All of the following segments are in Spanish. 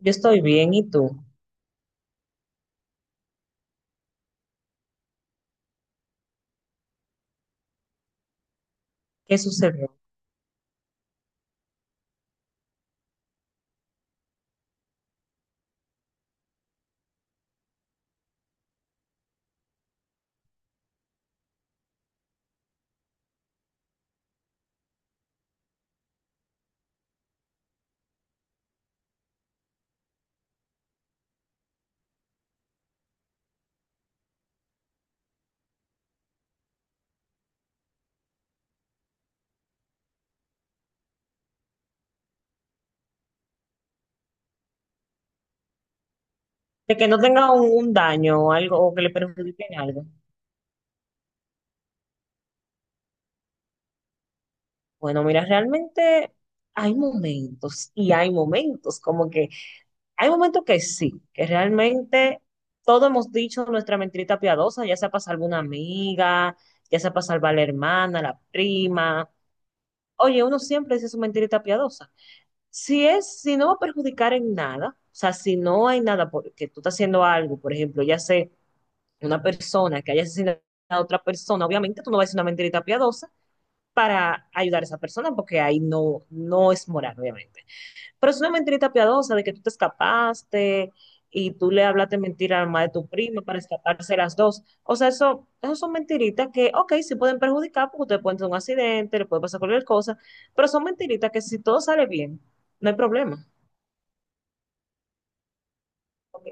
Yo estoy bien, ¿y tú? ¿Qué sucedió? De que no tenga un daño o algo o que le perjudique en algo. Bueno, mira, realmente hay momentos y hay momentos, como que hay momentos que sí, que realmente todos hemos dicho nuestra mentirita piadosa, ya sea para salvar una amiga, ya sea para salvar a la hermana, la prima. Oye, uno siempre dice su mentirita piadosa. Si es, si no va a perjudicar en nada, o sea, si no hay nada porque tú estás haciendo algo, por ejemplo, ya sé una persona que haya asesinado a otra persona, obviamente tú no vas a decir una mentirita piadosa para ayudar a esa persona, porque ahí no es moral, obviamente. Pero es una mentirita piadosa de que tú te escapaste y tú le hablaste mentira al madre de tu prima para escaparse las dos. O sea, eso son mentiritas que, ok, sí pueden perjudicar porque ustedes pueden tener un accidente, le puede pasar cualquier cosa, pero son mentiritas que si todo sale bien, no hay problema. Ok.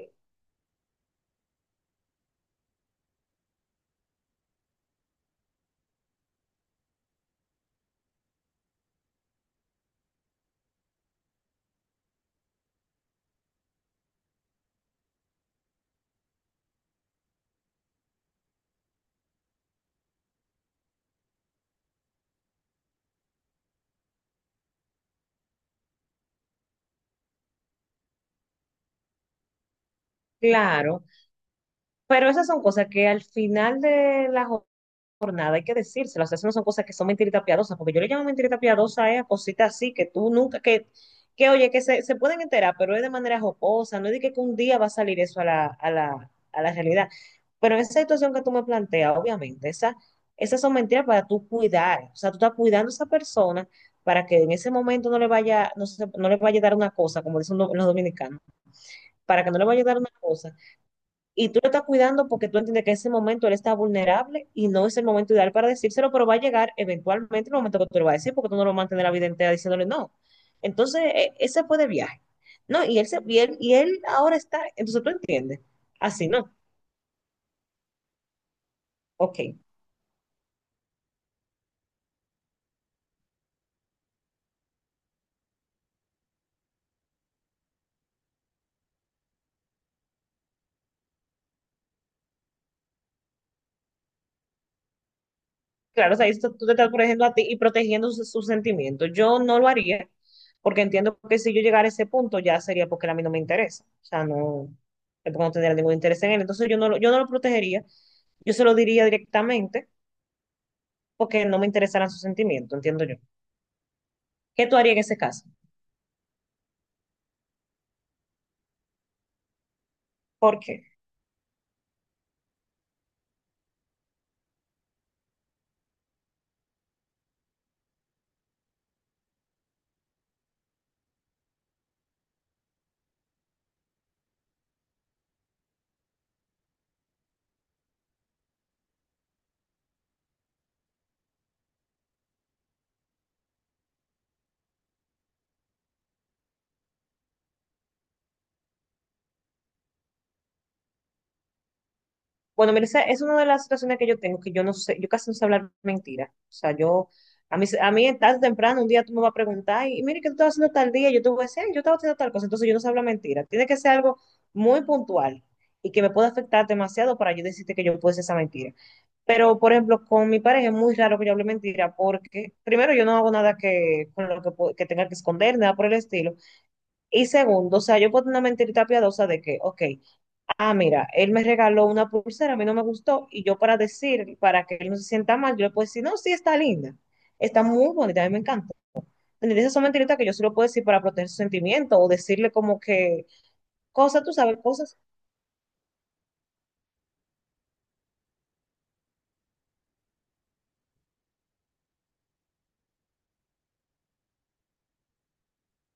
Claro, pero esas son cosas que al final de la por nada, hay que decírselo. O sea, eso no son cosas que son mentiritas piadosas, porque yo le llamo mentirita piadosa a cositas así que tú nunca, que oye, que se pueden enterar, pero es de manera jocosa, no es de que un día va a salir eso a la realidad. Pero en esa situación que tú me planteas, obviamente, esa, esas son mentiras para tú cuidar. O sea, tú estás cuidando a esa persona para que en ese momento no le vaya, no, se- no le vaya a dar una cosa, como dicen los dominicanos, para que no le vaya a dar una cosa y tú lo estás cuidando porque tú entiendes que en ese momento él está vulnerable y no es el momento ideal para decírselo, pero va a llegar eventualmente el momento que tú lo vas a decir porque tú no lo mantienes la vida entera diciéndole no. Entonces, ese fue de viaje. No, y él, se, y él ahora está, entonces tú entiendes. Así no, ok. Claro, o sea, ahí está- tú te estás protegiendo a ti y protegiendo sus sentimientos. Yo no lo haría porque entiendo que si yo llegara a ese punto ya sería porque a mí no me interesa. O sea, no, es porque no tendría ningún interés en él. Entonces yo no lo protegería, yo se lo diría directamente porque no me interesaran sus sentimientos, entiendo yo. ¿Qué tú harías en ese caso? ¿Por qué? Bueno, mira, esa es una de las situaciones que yo tengo, que yo no sé, yo casi no sé hablar mentiras. O sea, yo, a mí tarde o temprano, un día tú me vas a preguntar, y mire, ¿qué tú estabas haciendo tal día? Yo te voy a decir, "Ay, yo estaba haciendo tal cosa", entonces yo no sé hablar mentiras. Tiene que ser algo muy puntual y que me pueda afectar demasiado para yo decirte que yo puedo hacer esa mentira. Pero, por ejemplo, con mi pareja es muy raro que yo hable mentira porque, primero, yo no hago nada que, con lo que, po- que tenga que esconder, nada por el estilo. Y segundo, o sea, yo puedo tener una mentirita piadosa de que, ok, ah, mira, él me regaló una pulsera, a mí no me gustó, y yo para decir, para que él no se sienta mal, yo le puedo decir, no, sí, está linda, está muy bonita, a mí me encanta. Entonces, esas son mentiritas que yo se lo puedo decir para proteger su sentimiento o decirle como que cosas, tú sabes, cosas.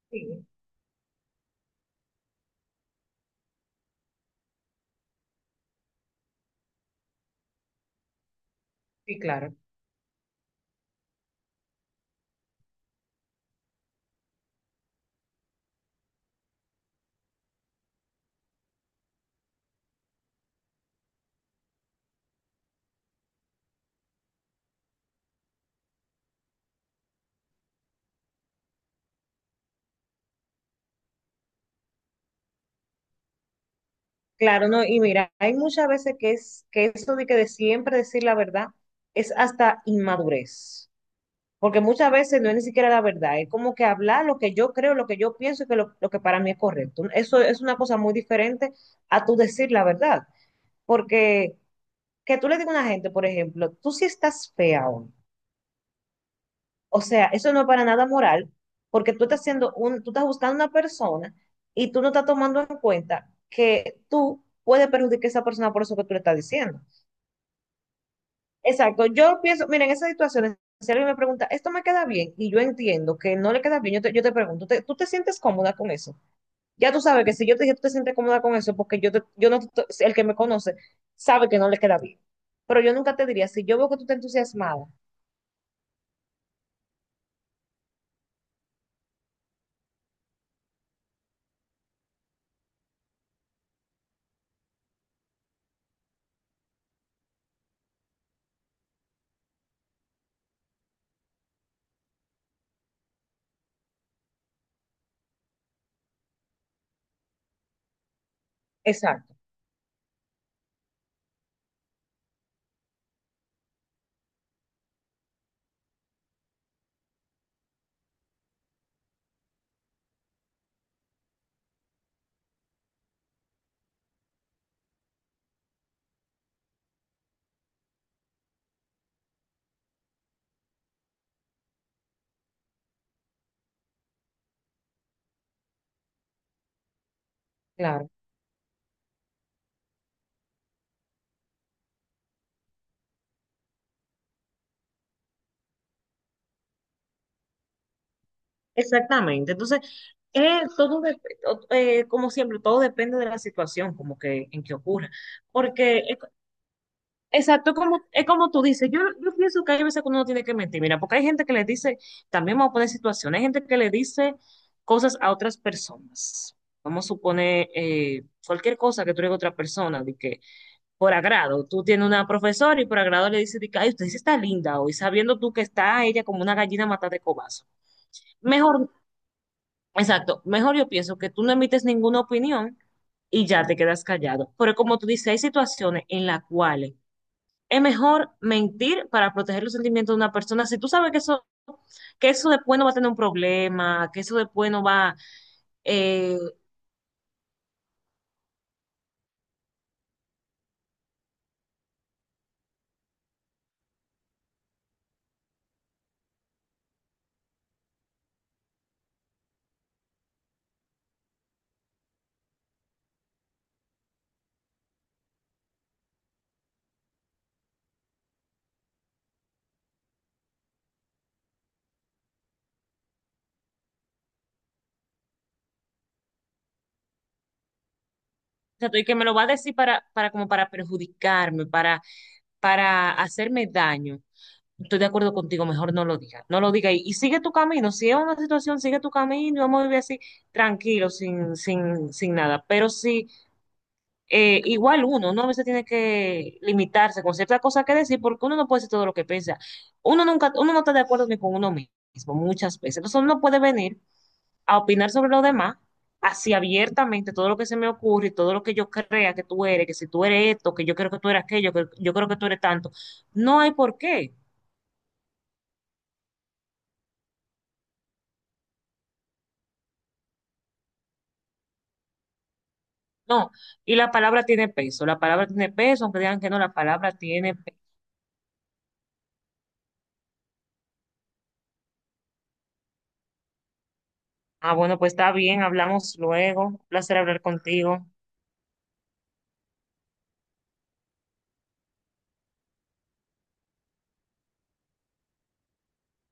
Sí, sí, claro. Claro, no, y mira, hay muchas veces que es que eso de que de siempre decir la verdad es hasta inmadurez. Porque muchas veces no es ni siquiera la verdad, es como que hablar lo que yo creo, lo que yo pienso y que lo que para mí es correcto. Eso es una cosa muy diferente a tú decir la verdad. Porque que tú le digas a una gente, por ejemplo, tú sí estás fea hoy. O sea, eso no es para nada moral, porque tú estás haciendo un, tú estás buscando una persona y tú no estás tomando en cuenta que tú puedes perjudicar a esa persona por eso que tú le estás diciendo. Exacto, yo pienso, mira, en esas situaciones, si alguien me pregunta, ¿esto me queda bien? Y yo entiendo que no le queda bien, yo te pregunto, ¿te- ¿tú te sientes cómoda con eso? Ya tú sabes que si yo te dije, tú te sientes cómoda con eso, porque yo, te- yo no, te- si el que me conoce sabe que no le queda bien. Pero yo nunca te diría, si yo veo que tú estás entusiasmada. Exacto, claro. Exactamente. Entonces, eh, todo dep- como siempre, todo depende de la situación, como que en que ocurra. Porque exacto, como, es como tú dices, yo pienso que hay veces que uno no tiene que mentir, mira, porque hay gente que le dice, también vamos a poner situaciones, hay gente que le dice cosas a otras personas. Vamos a suponer cualquier cosa que tú le digas a otra persona, de que por agrado, tú tienes una profesora y por agrado le dices, de que, ay, usted sí está linda hoy, sabiendo tú que está ella como una gallina matada de cobazo. Mejor, exacto, mejor yo pienso que tú no emites ninguna opinión y ya te quedas callado. Pero como tú dices, hay situaciones en las cuales es mejor mentir para proteger los sentimientos de una persona. Si tú sabes que eso después no va a tener un problema, que eso después no va, o sea, y que me lo va a decir para como para perjudicarme, para hacerme daño. Estoy de acuerdo contigo, mejor no lo digas, no lo digas y sigue tu camino. Si es una situación, sigue tu camino y vamos a vivir así tranquilo, sin nada. Pero si igual uno, uno a veces tiene que limitarse con ciertas cosas que decir porque uno no puede decir todo lo que piensa. Uno nunca, uno no está de acuerdo ni con uno mismo muchas veces. Entonces uno no puede venir a opinar sobre los demás así abiertamente todo lo que se me ocurre, y todo lo que yo crea que tú eres, que si tú eres esto, que yo creo que tú eres aquello, que yo creo que tú eres tanto. No hay por qué. No, y la palabra tiene peso, la palabra tiene peso, aunque digan que no, la palabra tiene peso. Ah, bueno, pues está bien, hablamos luego. Un placer hablar contigo.